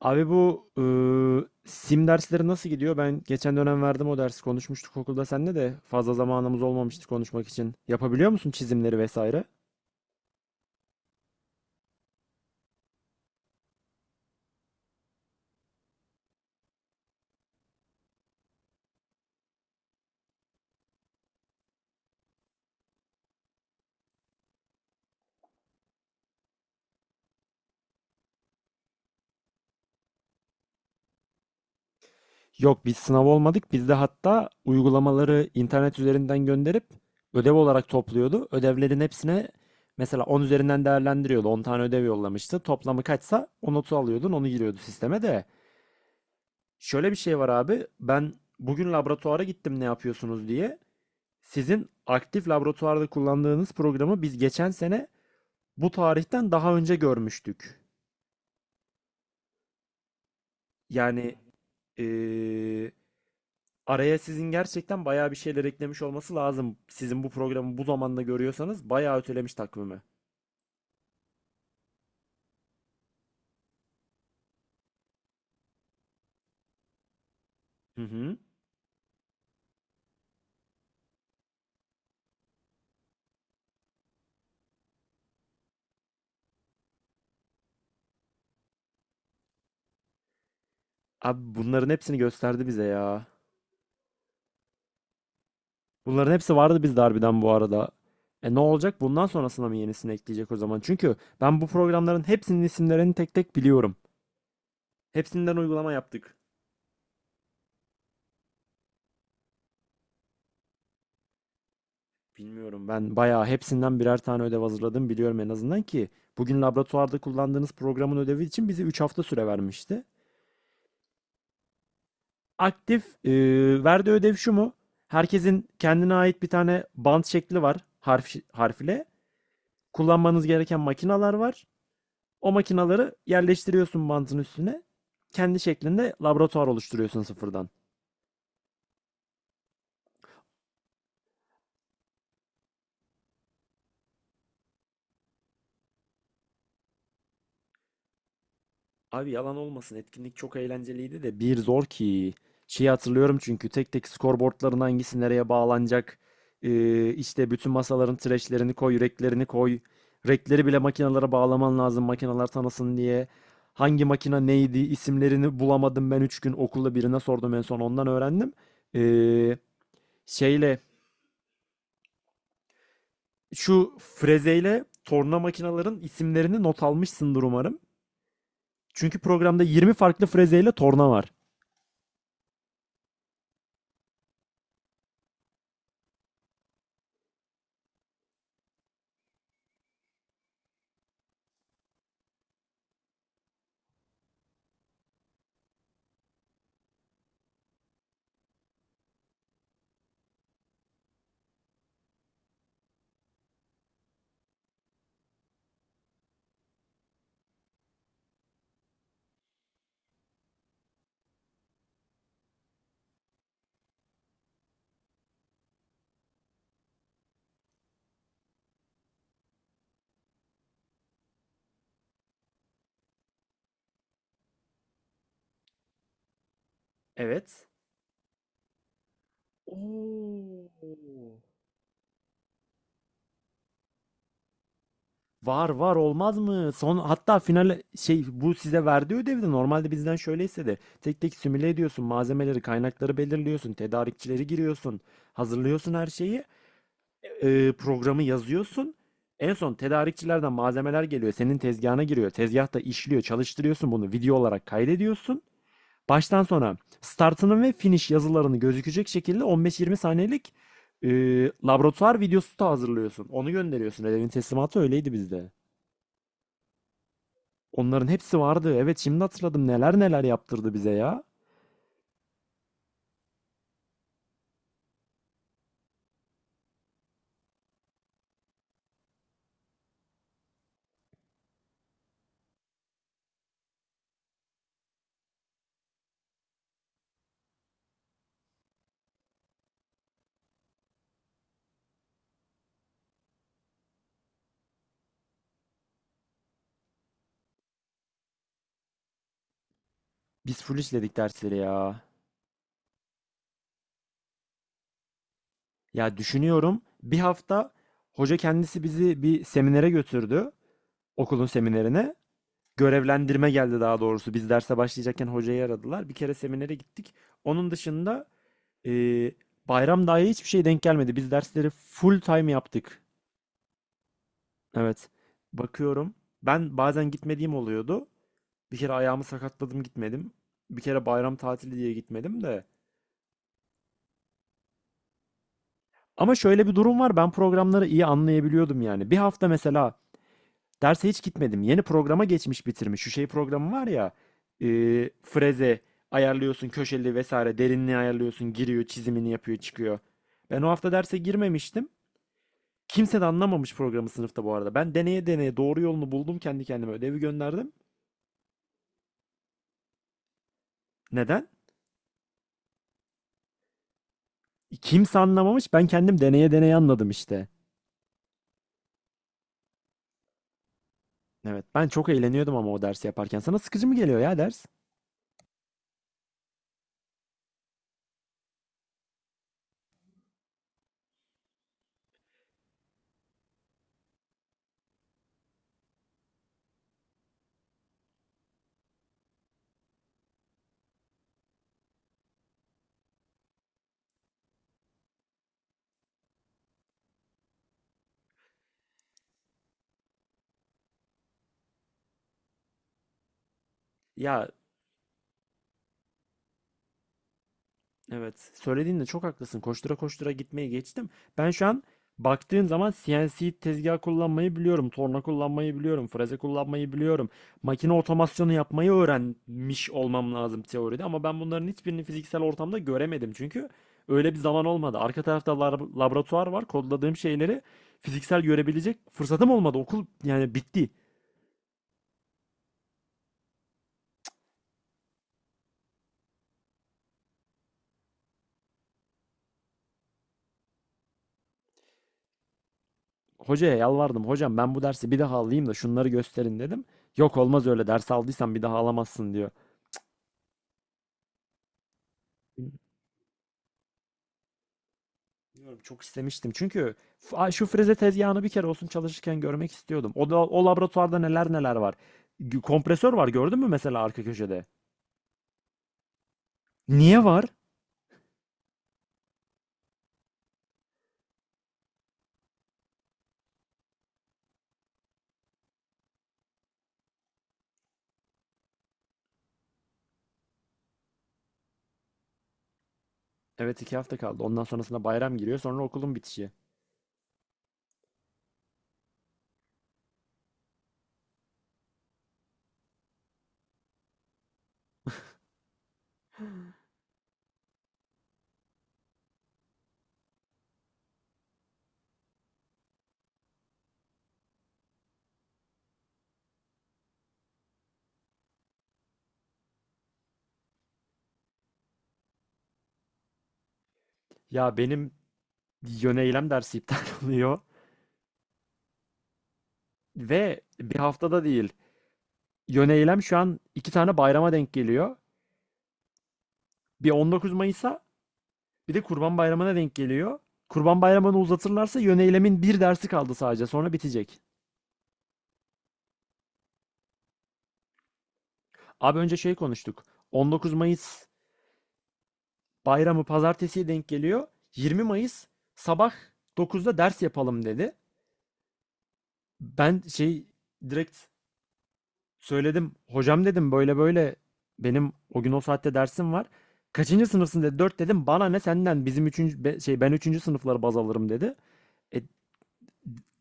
Abi bu sim dersleri nasıl gidiyor? Ben geçen dönem verdim o dersi. Konuşmuştuk okulda seninle de fazla zamanımız olmamıştı konuşmak için. Yapabiliyor musun çizimleri vesaire? Yok biz sınav olmadık. Biz de hatta uygulamaları internet üzerinden gönderip ödev olarak topluyordu. Ödevlerin hepsine mesela 10 üzerinden değerlendiriyordu. 10 tane ödev yollamıştı. Toplamı kaçsa o notu alıyordun, onu giriyordu sisteme de. Şöyle bir şey var abi. Ben bugün laboratuvara gittim ne yapıyorsunuz diye. Sizin aktif laboratuvarda kullandığınız programı biz geçen sene bu tarihten daha önce görmüştük. Yani eee, araya sizin gerçekten bayağı bir şeyler eklemiş olması lazım. Sizin bu programı bu zamanda görüyorsanız bayağı ötelemiş takvimi. Hı hı. Abi bunların hepsini gösterdi bize ya. Bunların hepsi vardı bizde harbiden bu arada. E ne olacak? Bundan sonrasına mı yenisini ekleyecek o zaman? Çünkü ben bu programların hepsinin isimlerini tek tek biliyorum. Hepsinden uygulama yaptık. Bilmiyorum, ben bayağı hepsinden birer tane ödev hazırladım biliyorum en azından ki bugün laboratuvarda kullandığınız programın ödevi için bize 3 hafta süre vermişti. Aktif verdiği ödev şu mu? Herkesin kendine ait bir tane bant şekli var, harf harf ile. Kullanmanız gereken makinalar var. O makinaları yerleştiriyorsun bantın üstüne. Kendi şeklinde laboratuvar oluşturuyorsun sıfırdan. Abi yalan olmasın, etkinlik çok eğlenceliydi de bir zor ki. Şeyi hatırlıyorum çünkü tek tek skorboardların hangisi nereye bağlanacak. İşte bütün masaların trashlerini koy, reklerini koy. Rekleri bile makinalara bağlaman lazım, makineler tanısın diye. Hangi makina neydi isimlerini bulamadım, ben 3 gün okulda birine sordum, en son ondan öğrendim. Ee, şeyle Şu frezeyle torna makinaların isimlerini not almışsındır umarım. Çünkü programda 20 farklı frezeyle torna var. Evet. Oo. Var, var olmaz mı? Son, hatta final şey bu size verdiği ödevde normalde bizden şöyleyse de tek tek simüle ediyorsun malzemeleri, kaynakları belirliyorsun, tedarikçileri giriyorsun, hazırlıyorsun her şeyi, programı yazıyorsun. En son tedarikçilerden malzemeler geliyor, senin tezgahına giriyor. Tezgahta işliyor, çalıştırıyorsun bunu, video olarak kaydediyorsun. Baştan sona startının ve finish yazılarını gözükecek şekilde 15-20 saniyelik e, laboratuvar videosu da hazırlıyorsun. Onu gönderiyorsun. Ödevin teslimatı öyleydi bizde. Onların hepsi vardı. Evet, şimdi hatırladım. Neler neler yaptırdı bize ya. Biz full işledik dersleri ya. Ya düşünüyorum, bir hafta hoca kendisi bizi bir seminere götürdü. Okulun seminerine. Görevlendirme geldi daha doğrusu. Biz derse başlayacakken hocayı aradılar. Bir kere seminere gittik. Onun dışında Ee, bayram dahi hiçbir şey denk gelmedi. Biz dersleri full time yaptık. Evet. Bakıyorum. Ben bazen gitmediğim oluyordu. Bir kere ayağımı sakatladım, gitmedim. Bir kere bayram tatili diye gitmedim de. Ama şöyle bir durum var. Ben programları iyi anlayabiliyordum yani. Bir hafta mesela derse hiç gitmedim. Yeni programa geçmiş, bitirmiş. Şu şey programı var ya. E, Freze ayarlıyorsun köşeli vesaire. Derinliği ayarlıyorsun. Giriyor, çizimini yapıyor, çıkıyor. Ben o hafta derse girmemiştim. Kimse de anlamamış programı sınıfta bu arada. Ben deneye deneye doğru yolunu buldum kendi kendime. Ödevi gönderdim. Neden? Kimse anlamamış. Ben kendim deneye deneye anladım işte. Evet. Ben çok eğleniyordum ama o dersi yaparken. Sana sıkıcı mı geliyor ya ders? Ya evet. Söylediğinde çok haklısın. Koştura koştura gitmeyi geçtim. Ben şu an baktığın zaman CNC tezgah kullanmayı biliyorum. Torna kullanmayı biliyorum. Freze kullanmayı biliyorum. Makine otomasyonu yapmayı öğrenmiş olmam lazım teoride. Ama ben bunların hiçbirini fiziksel ortamda göremedim. Çünkü öyle bir zaman olmadı. Arka tarafta laboratuvar var. Kodladığım şeyleri fiziksel görebilecek fırsatım olmadı. Okul yani bitti. Hocaya yalvardım. Hocam, ben bu dersi bir daha alayım da şunları gösterin dedim. Yok olmaz öyle. Ders aldıysan bir daha alamazsın diyor. Bilmiyorum, çok istemiştim. Çünkü şu freze tezgahını bir kere olsun çalışırken görmek istiyordum. O da o laboratuvarda neler neler var. Kompresör var, gördün mü mesela arka köşede? Niye var? Evet, 2 hafta kaldı. Ondan sonrasında bayram giriyor. Sonra okulun bitişi. Ya benim yöneylem dersi iptal oluyor. Ve bir haftada değil. Yöneylem şu an 2 tane bayrama denk geliyor. Bir 19 Mayıs'a, bir de Kurban Bayramı'na denk geliyor. Kurban Bayramı'nı uzatırlarsa yöneylemin bir dersi kaldı sadece. Sonra bitecek. Abi önce şey konuştuk. 19 Mayıs bayramı pazartesiye denk geliyor. 20 Mayıs sabah 9'da ders yapalım dedi. Ben şey direkt söyledim. Hocam dedim, böyle böyle benim o gün o saatte dersim var. Kaçıncı sınıfsın dedi. Dört dedim. Bana ne senden, bizim 3. şey, ben üçüncü sınıfları baz alırım dedi. E,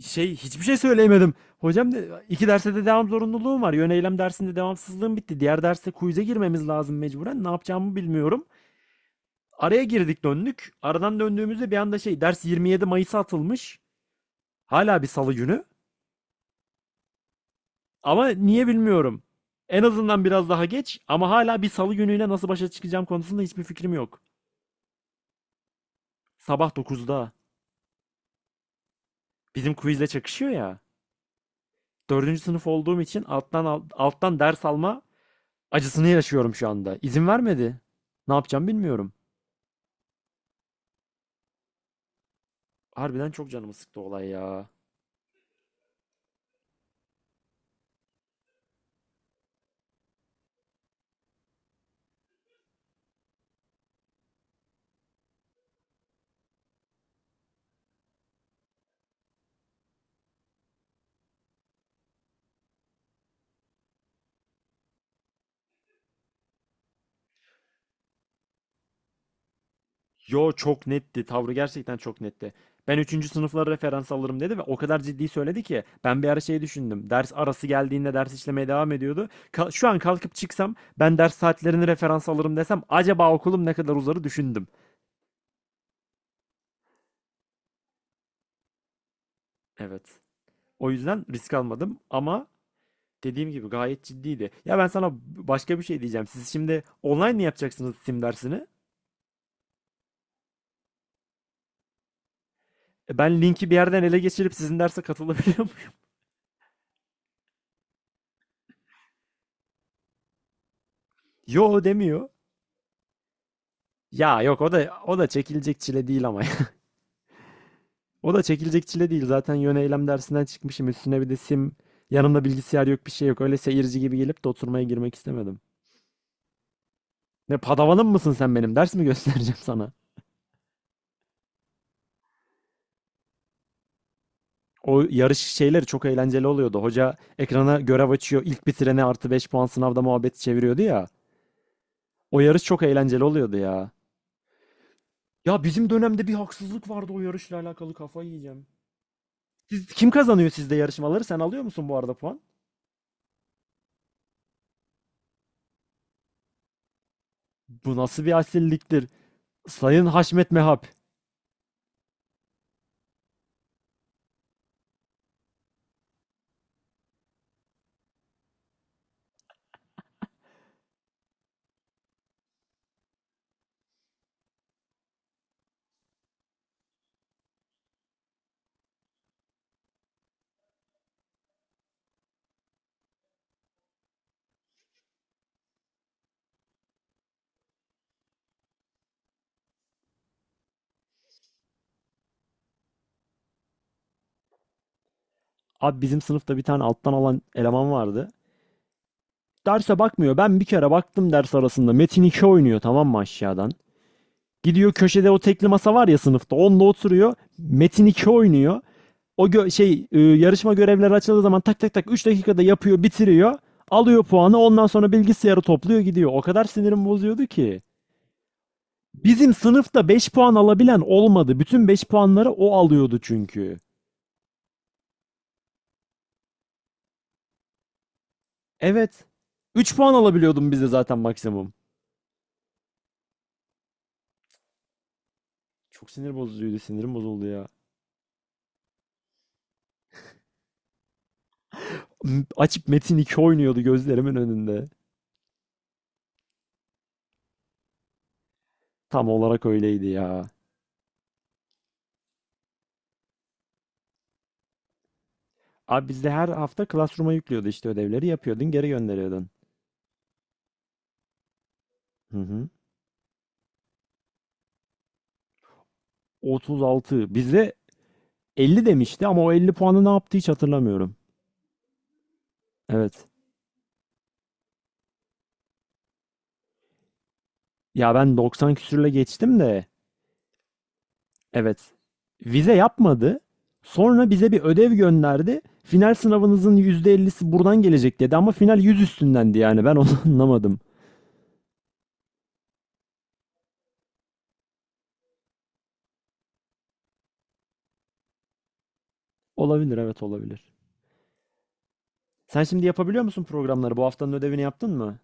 şey hiçbir şey söyleyemedim. Hocam de, iki derste de devam zorunluluğum var. Yön eylem dersinde devamsızlığım bitti. Diğer derste quiz'e girmemiz lazım mecburen. Ne yapacağımı bilmiyorum. Araya girdik, döndük. Aradan döndüğümüzde bir anda şey ders 27 Mayıs'a atılmış. Hala bir salı günü. Ama niye bilmiyorum. En azından biraz daha geç ama hala bir salı günüyle nasıl başa çıkacağım konusunda hiçbir fikrim yok. Sabah dokuzda. Bizim quizle çakışıyor ya. Dördüncü sınıf olduğum için alttan alttan ders alma acısını yaşıyorum şu anda. İzin vermedi. Ne yapacağım bilmiyorum. Harbiden çok canımı sıktı olay ya. Yo, çok netti. Tavrı gerçekten çok netti. Ben üçüncü sınıflara referans alırım dedi ve o kadar ciddi söyledi ki ben bir ara şey düşündüm. Ders arası geldiğinde ders işlemeye devam ediyordu. Şu an kalkıp çıksam ben ders saatlerini referans alırım desem acaba okulum ne kadar uzarı düşündüm. Evet. O yüzden risk almadım ama dediğim gibi gayet ciddiydi. Ya ben sana başka bir şey diyeceğim. Siz şimdi online mi yapacaksınız sim dersini? Ben linki bir yerden ele geçirip sizin derse katılabiliyor muyum? Yo, demiyor. Ya yok, o da çekilecek çile değil ama o da çekilecek çile değil. Zaten yön eylem dersinden çıkmışım. Üstüne bir de sim. Yanımda bilgisayar yok, bir şey yok. Öyle seyirci gibi gelip de oturmaya girmek istemedim. Ne padavanım mısın sen benim? Ders mi göstereceğim sana? O yarış şeyleri çok eğlenceli oluyordu. Hoca ekrana görev açıyor. İlk bitirene artı 5 puan sınavda muhabbet çeviriyordu ya. O yarış çok eğlenceli oluyordu ya. Ya bizim dönemde bir haksızlık vardı o yarışla alakalı, kafayı yiyeceğim. Siz, kim kazanıyor sizde yarışmaları? Sen alıyor musun bu arada puan? Bu nasıl bir asilliktir? Sayın Haşmet Mehap. Abi bizim sınıfta bir tane alttan alan eleman vardı. Derse bakmıyor. Ben bir kere baktım ders arasında. Metin Metin2 oynuyor, tamam mı, aşağıdan. Gidiyor, köşede o tekli masa var ya sınıfta. Onda oturuyor. Metin Metin2 oynuyor. O yarışma görevleri açıldığı zaman tak tak tak 3 dakikada yapıyor, bitiriyor. Alıyor puanı. Ondan sonra bilgisayarı topluyor, gidiyor. O kadar sinirim bozuyordu ki. Bizim sınıfta 5 puan alabilen olmadı. Bütün 5 puanları o alıyordu çünkü. Evet. 3 puan alabiliyordum bize zaten maksimum. Çok sinir bozucuydu. Sinirim bozuldu ya. Açıp Metin2 oynuyordu gözlerimin önünde. Tam olarak öyleydi ya. Abi bizde her hafta Classroom'a yüklüyordu, işte ödevleri yapıyordun, geri gönderiyordun. Hı hı. 36. Bizde 50 demişti ama o 50 puanı ne yaptı hiç hatırlamıyorum. Evet. Ya ben 90 küsürle geçtim de. Evet. Vize yapmadı. Sonra bize bir ödev gönderdi. Final sınavınızın %50'si buradan gelecek dedi ama final 100 üstündendi yani ben onu anlamadım. Olabilir, evet, olabilir. Sen şimdi yapabiliyor musun programları? Bu haftanın ödevini yaptın mı?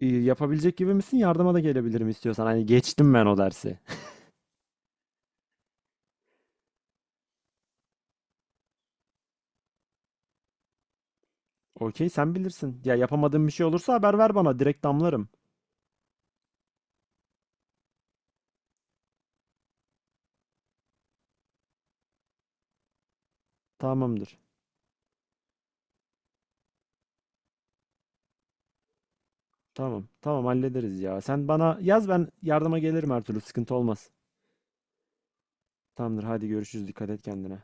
Yapabilecek gibi misin? Yardıma da gelebilirim istiyorsan. Hani geçtim ben o dersi. Okey, sen bilirsin. Ya yapamadığım bir şey olursa haber ver bana. Direkt damlarım. Tamamdır. Tamam. Tamam, hallederiz ya. Sen bana yaz, ben yardıma gelirim her türlü. Sıkıntı olmaz. Tamamdır. Hadi görüşürüz. Dikkat et kendine.